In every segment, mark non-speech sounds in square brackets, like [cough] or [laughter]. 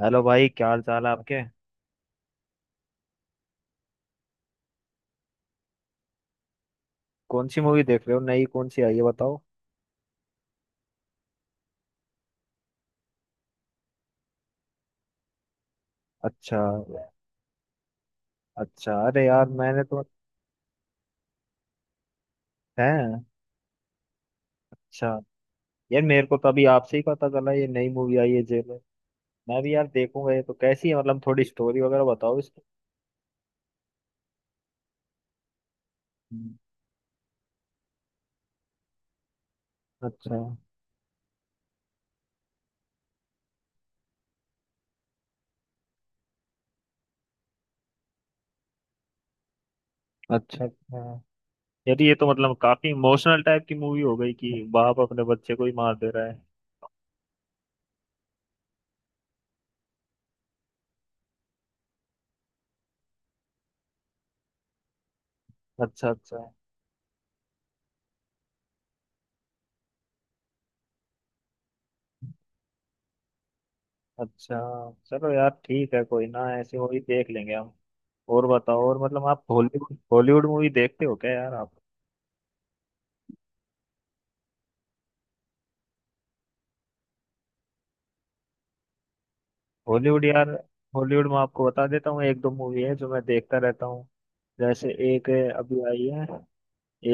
Hello भाई, क्या हाल चाल है आपके। कौन सी मूवी देख रहे हो? नई कौन सी आई है, बताओ। अच्छा। अच्छा। अरे यार, मैंने तो। है। अच्छा। यार, मेरे को तो अभी आपसे ही पता चला ये नई मूवी आई है जेल। मैं भी यार देखूंगा ये तो। कैसी है मतलब? थोड़ी स्टोरी वगैरह बताओ इसकी। हम्म। अच्छा अच्छा। अच्छा। यार, ये तो मतलब काफी इमोशनल टाइप की मूवी हो गई कि बाप अपने बच्चे को ही मार दे रहा है। अच्छा अच्छा। अच्छा। चलो यार, ठीक है। कोई ना, ऐसी मूवी देख लेंगे हम। और बताओ। और मतलब आप हॉलीवुड हॉलीवुड मूवी देखते हो क्या यार आप? हॉलीवुड यार। हॉलीवुड में आपको बता देता हूँ, एक दो मूवी है जो मैं देखता रहता हूँ। जैसे एक है, अभी आई है।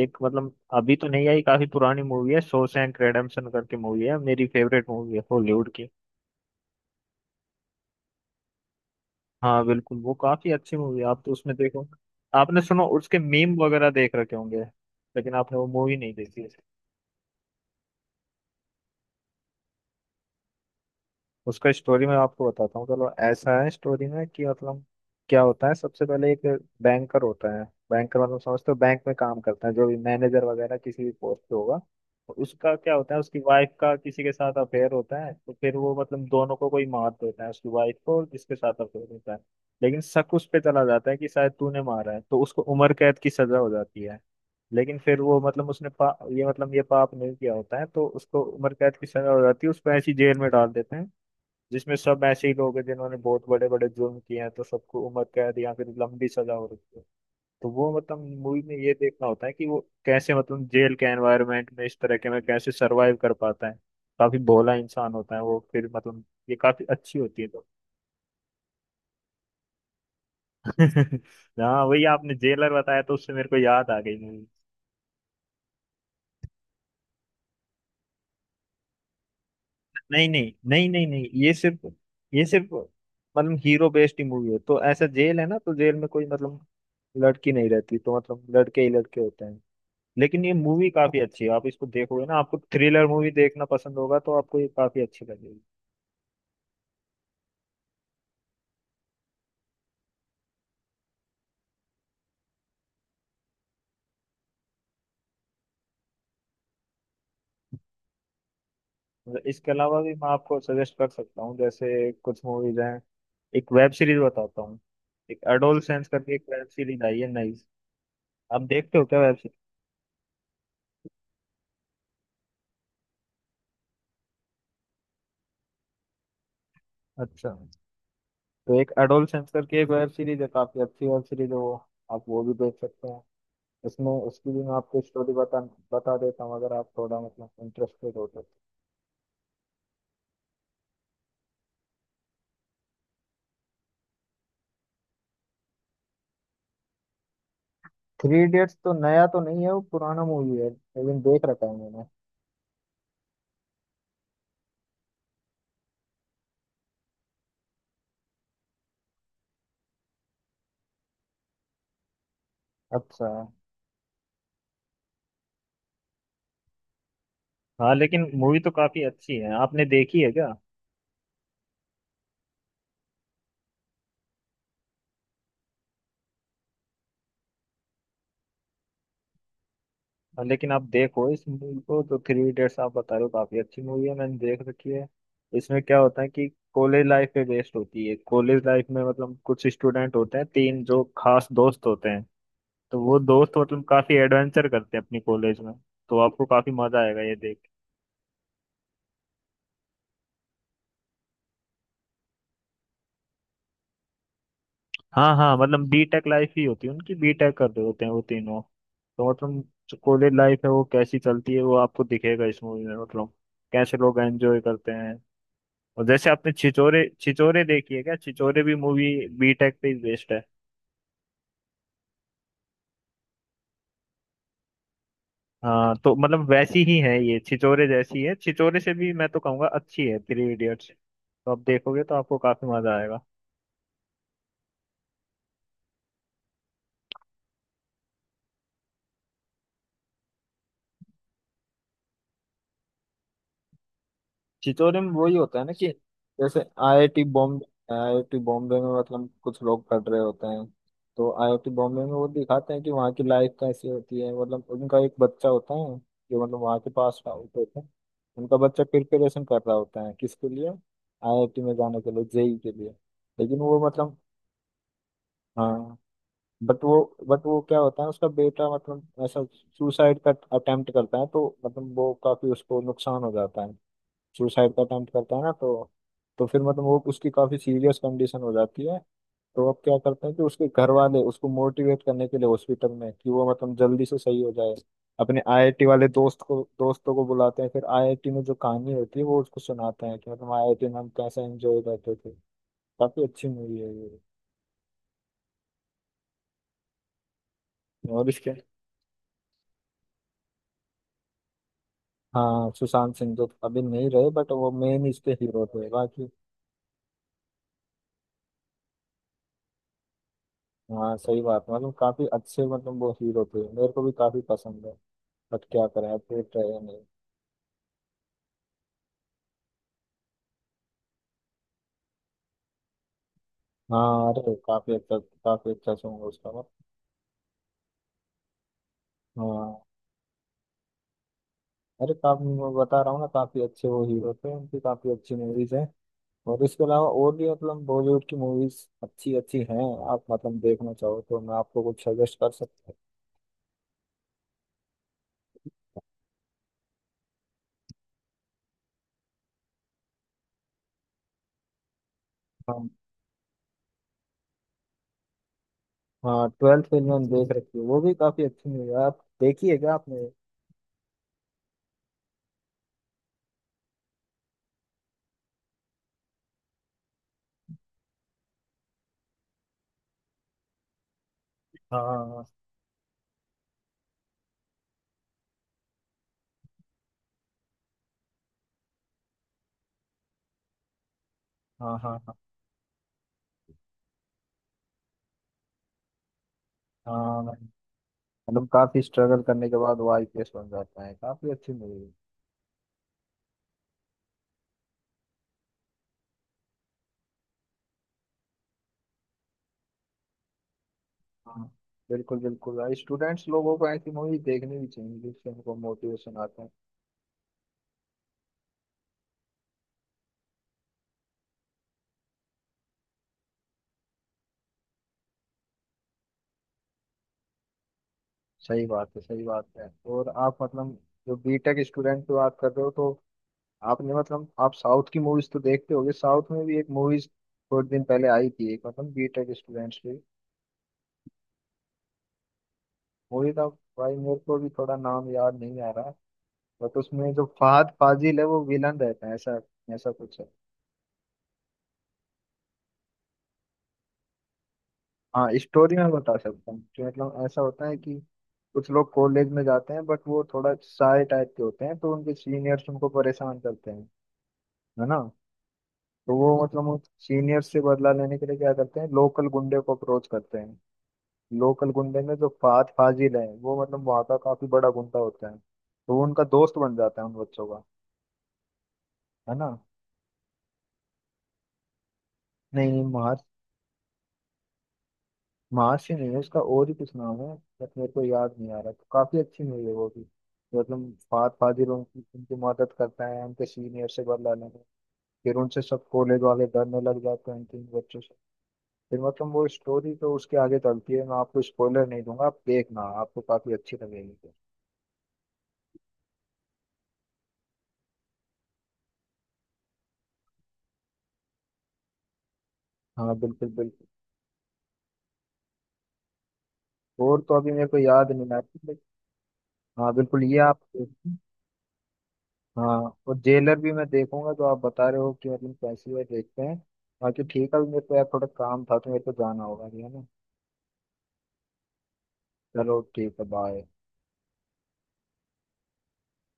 एक मतलब अभी तो नहीं आई, काफी पुरानी मूवी है, शॉशैंक रिडेम्पशन करके मूवी है, मेरी फेवरेट मूवी है हॉलीवुड की। हाँ बिल्कुल, वो काफी अच्छी मूवी है, आप तो उसमें देखो। आपने सुनो, उसके मीम वगैरह देख रखे होंगे। लेकिन आपने वो मूवी नहीं देखी। उसका स्टोरी मैं आपको बताता हूँ, चलो। ऐसा है स्टोरी में कि मतलब, क्या होता है? सबसे पहले एक बैंकर होता है। बैंकर मतलब समझते हो, बैंक में काम करता है जो भी, मैनेजर वगैरह किसी भी पोस्ट पे होगा। तो उसका क्या होता है, उसकी वाइफ का किसी के साथ अफेयर होता है। तो फिर वो मतलब दोनों को कोई मार देता है, उसकी वाइफ को और जिसके साथ अफेयर होता है। लेकिन शक उस पे चला जाता है कि शायद तूने मारा है, तो उसको उम्र कैद की सजा हो जाती है। लेकिन फिर वो मतलब ये मतलब ये पाप नहीं किया होता है, तो उसको उम्र कैद की सजा हो जाती है। उसको ऐसी जेल में डाल देते हैं जिसमें सब ऐसे ही लोग हैं जिन्होंने बहुत बड़े बड़े जुर्म किए हैं, तो सबको उम्र कैद या फिर लंबी सजा हो रखी है। तो वो मतलब मूवी में ये देखना होता है कि वो कैसे मतलब जेल के एनवायरनमेंट में, इस तरह के में कैसे सरवाइव कर पाता है। काफी भोला इंसान होता है वो, फिर मतलब, ये काफी अच्छी होती है तो। [laughs] हाँ, वही आपने जेलर बताया तो उससे मेरे को याद आ गई मूवी। नहीं नहीं नहीं नहीं नहीं, ये सिर्फ मतलब हीरो बेस्ड ही मूवी है। तो ऐसा जेल है ना, तो जेल में कोई मतलब लड़की नहीं रहती, तो मतलब लड़के ही लड़के होते हैं। लेकिन ये मूवी काफी अच्छी है, आप इसको देखोगे ना, आपको थ्रिलर मूवी देखना पसंद होगा तो आपको ये काफी अच्छी लगेगी। मतलब इसके अलावा भी मैं आपको सजेस्ट कर सकता हूँ, जैसे कुछ मूवीज हैं। एक वेब सीरीज बताता हूँ। एक एडोलसेंस करके एक वेब सीरीज आई है नई। आप देखते हो क्या वेब सीरीज? अच्छा। तो एक एडोलसेंस करके एक वेब सीरीज है, काफी अच्छी वेब सीरीज है वो। आप वो भी देख सकते हैं। उसमें उसकी भी मैं आपको स्टोरी बता बता देता हूँ अगर आप थोड़ा मतलब इंटरेस्टेड हो तो। थ्री इडियट्स तो नया तो नहीं है, वो पुराना मूवी है, लेकिन देख रखा है मैंने। अच्छा। हाँ, लेकिन मूवी तो काफी अच्छी है, आपने देखी है क्या? हाँ। लेकिन आप देखो इस मूवी को, तो थ्री इडियट्स आप बता रहे हो, काफी अच्छी मूवी है, मैंने देख रखी है। इसमें क्या होता है कि कॉलेज लाइफ पे बेस्ड होती है। कॉलेज लाइफ में मतलब कुछ स्टूडेंट होते हैं तीन, जो खास दोस्त होते हैं। तो वो दोस्त मतलब काफी एडवेंचर करते हैं अपनी कॉलेज में। तो आपको काफी मजा आएगा ये देख। हाँ हाँ, मतलब बीटेक लाइफ ही होती है उनकी, बीटेक कर रहे होते हैं वो तीनों। तो मतलब, जो कॉलेज लाइफ है वो कैसी चलती है, वो आपको दिखेगा इस मूवी में मतलब, कैसे लोग एंजॉय करते हैं। और जैसे आपने छिचोरे छिचोरे देखी है क्या? छिचोरे भी मूवी बीटेक पे ही बेस्ड है। हाँ, तो मतलब वैसी ही है, ये छिचोरे जैसी है। छिचोरे से भी मैं तो कहूँगा अच्छी है थ्री इडियट्स, तो आप देखोगे तो आपको काफी मजा आएगा। छितौरी में वही होता है ना कि जैसे आईआईटी बॉम्बे। आईआईटी बॉम्बे में मतलब कुछ लोग पढ़ रहे होते हैं। तो आईआईटी बॉम्बे में वो दिखाते हैं कि वहाँ की लाइफ कैसी होती है, मतलब उनका एक बच्चा होता है जो मतलब वहाँ के पास आउट होता है। उनका बच्चा प्रिपरेशन कर रहा होता है किसके लिए, आईआईटी में जाने के लिए, जेई के लिए। लेकिन वो मतलब, हाँ। बट वो बट वो क्या होता है उसका बेटा मतलब ऐसा सुसाइड का अटेम्प्ट करता है, तो मतलब वो काफी उसको नुकसान हो जाता है। सुसाइड का अटेम्प्ट करता है ना तो। तो फिर मतलब वो उसकी काफी सीरियस कंडीशन हो जाती है। तो अब क्या करते हैं कि उसके घर वाले उसको मोटिवेट करने के लिए हॉस्पिटल में, कि वो मतलब जल्दी से सही हो जाए, अपने आईआईटी वाले दोस्तों को बुलाते हैं। फिर आईआईटी में जो कहानी होती है वो उसको सुनाते हैं कि मतलब आईआईटी में हम कैसे एंजॉय करते थे। काफी अच्छी मूवी है ये। और इसके, हाँ सुशांत सिंह तो अभी नहीं रहे, बट वो मेन इसके हीरो थे बाकी। हाँ सही बात, मतलब काफी अच्छे मतलब वो हीरो थे, मेरे को भी काफी पसंद है। बट क्या करें, अब देख रहे हैं नहीं। हाँ, अरे काफी अच्छा सॉन्ग है उसका बट। हाँ, अरे काफी, मैं बता रहा हूँ ना, काफी अच्छे वो हीरो थे, उनकी काफी अच्छी मूवीज हैं। और इसके अलावा और भी मतलब बॉलीवुड की मूवीज अच्छी अच्छी हैं। आप मतलब देखना चाहो तो मैं आपको कुछ सजेस्ट कर सकता हूँ। हाँ। हाँ, ट्वेल्थ फेल मैंने देख रखी है, वो भी काफी अच्छी मूवी है, आप देखी है क्या आपने? हाँ हाँ। हाँ हाँ हाँ। हाँ, हाँ, मतलब काफी स्ट्रगल करने के बाद वो आईपीएस बन जाता है, काफी अच्छी मूवी है। हाँ, बिल्कुल बिल्कुल भाई, स्टूडेंट्स लोगों को ऐसी मूवी देखनी भी चाहिए जिससे उनको मोटिवेशन आता है। सही बात है, सही बात है। और आप मतलब, जो बीटेक स्टूडेंट की बात कर रहे हो तो, आपने मतलब आप साउथ की मूवीज तो देखते होगे, साउथ में भी एक मूवीज थोड़े दिन पहले आई थी एक, मतलब बीटेक स्टूडेंट्स की मूवी का। भाई मेरे को भी थोड़ा नाम याद नहीं आ रहा, बट उसमें जो फहद फाजिल है, वो विलन रहता है, ऐसा ऐसा कुछ है। हाँ, स्टोरी में बता सकता हूँ कि मतलब ऐसा होता है कि कुछ लोग कॉलेज में जाते हैं, बट वो थोड़ा शाय टाइप के होते हैं, तो उनके सीनियर्स उनको परेशान करते हैं, है ना। तो वो मतलब उन सीनियर्स से बदला लेने के लिए क्या करते हैं, लोकल गुंडे को अप्रोच करते हैं। लोकल गुंडे में जो फात फाजिल है, वो मतलब वहाँ का काफी बड़ा गुंडा होता है, तो वो उनका दोस्त बन जाता है उन बच्चों का, है ना। नहीं, माँ से नहीं है उसका, और ही कुछ नाम है। बट मेरे को याद नहीं आ रहा, तो काफी अच्छी मूवी है वो भी। मतलब फाद फाजिल उनकी उनकी मदद करता है उनके सीनियर से बदला लेने में। फिर उनसे सब कॉलेज वाले डरने लग जाते हैं, उनके इन बच्चों से। फिर मतलब वो स्टोरी तो उसके आगे चलती है, मैं आपको स्पॉइलर नहीं दूंगा। आप देखना, आपको काफी अच्छी लगेगी। हाँ बिल्कुल बिल्कुल। और तो अभी मेरे को याद नहीं आती but। हाँ बिल्कुल, ये आप देखना। हाँ। और जेलर भी मैं देखूंगा, तो आप बता रहे हो कि मतलब कैसी है, देखते हैं। बाकी ठीक है, अभी मेरे को यार थोड़ा काम था, तो मेरे को जाना होगा, ठीक है ना। चलो ठीक है, बाय।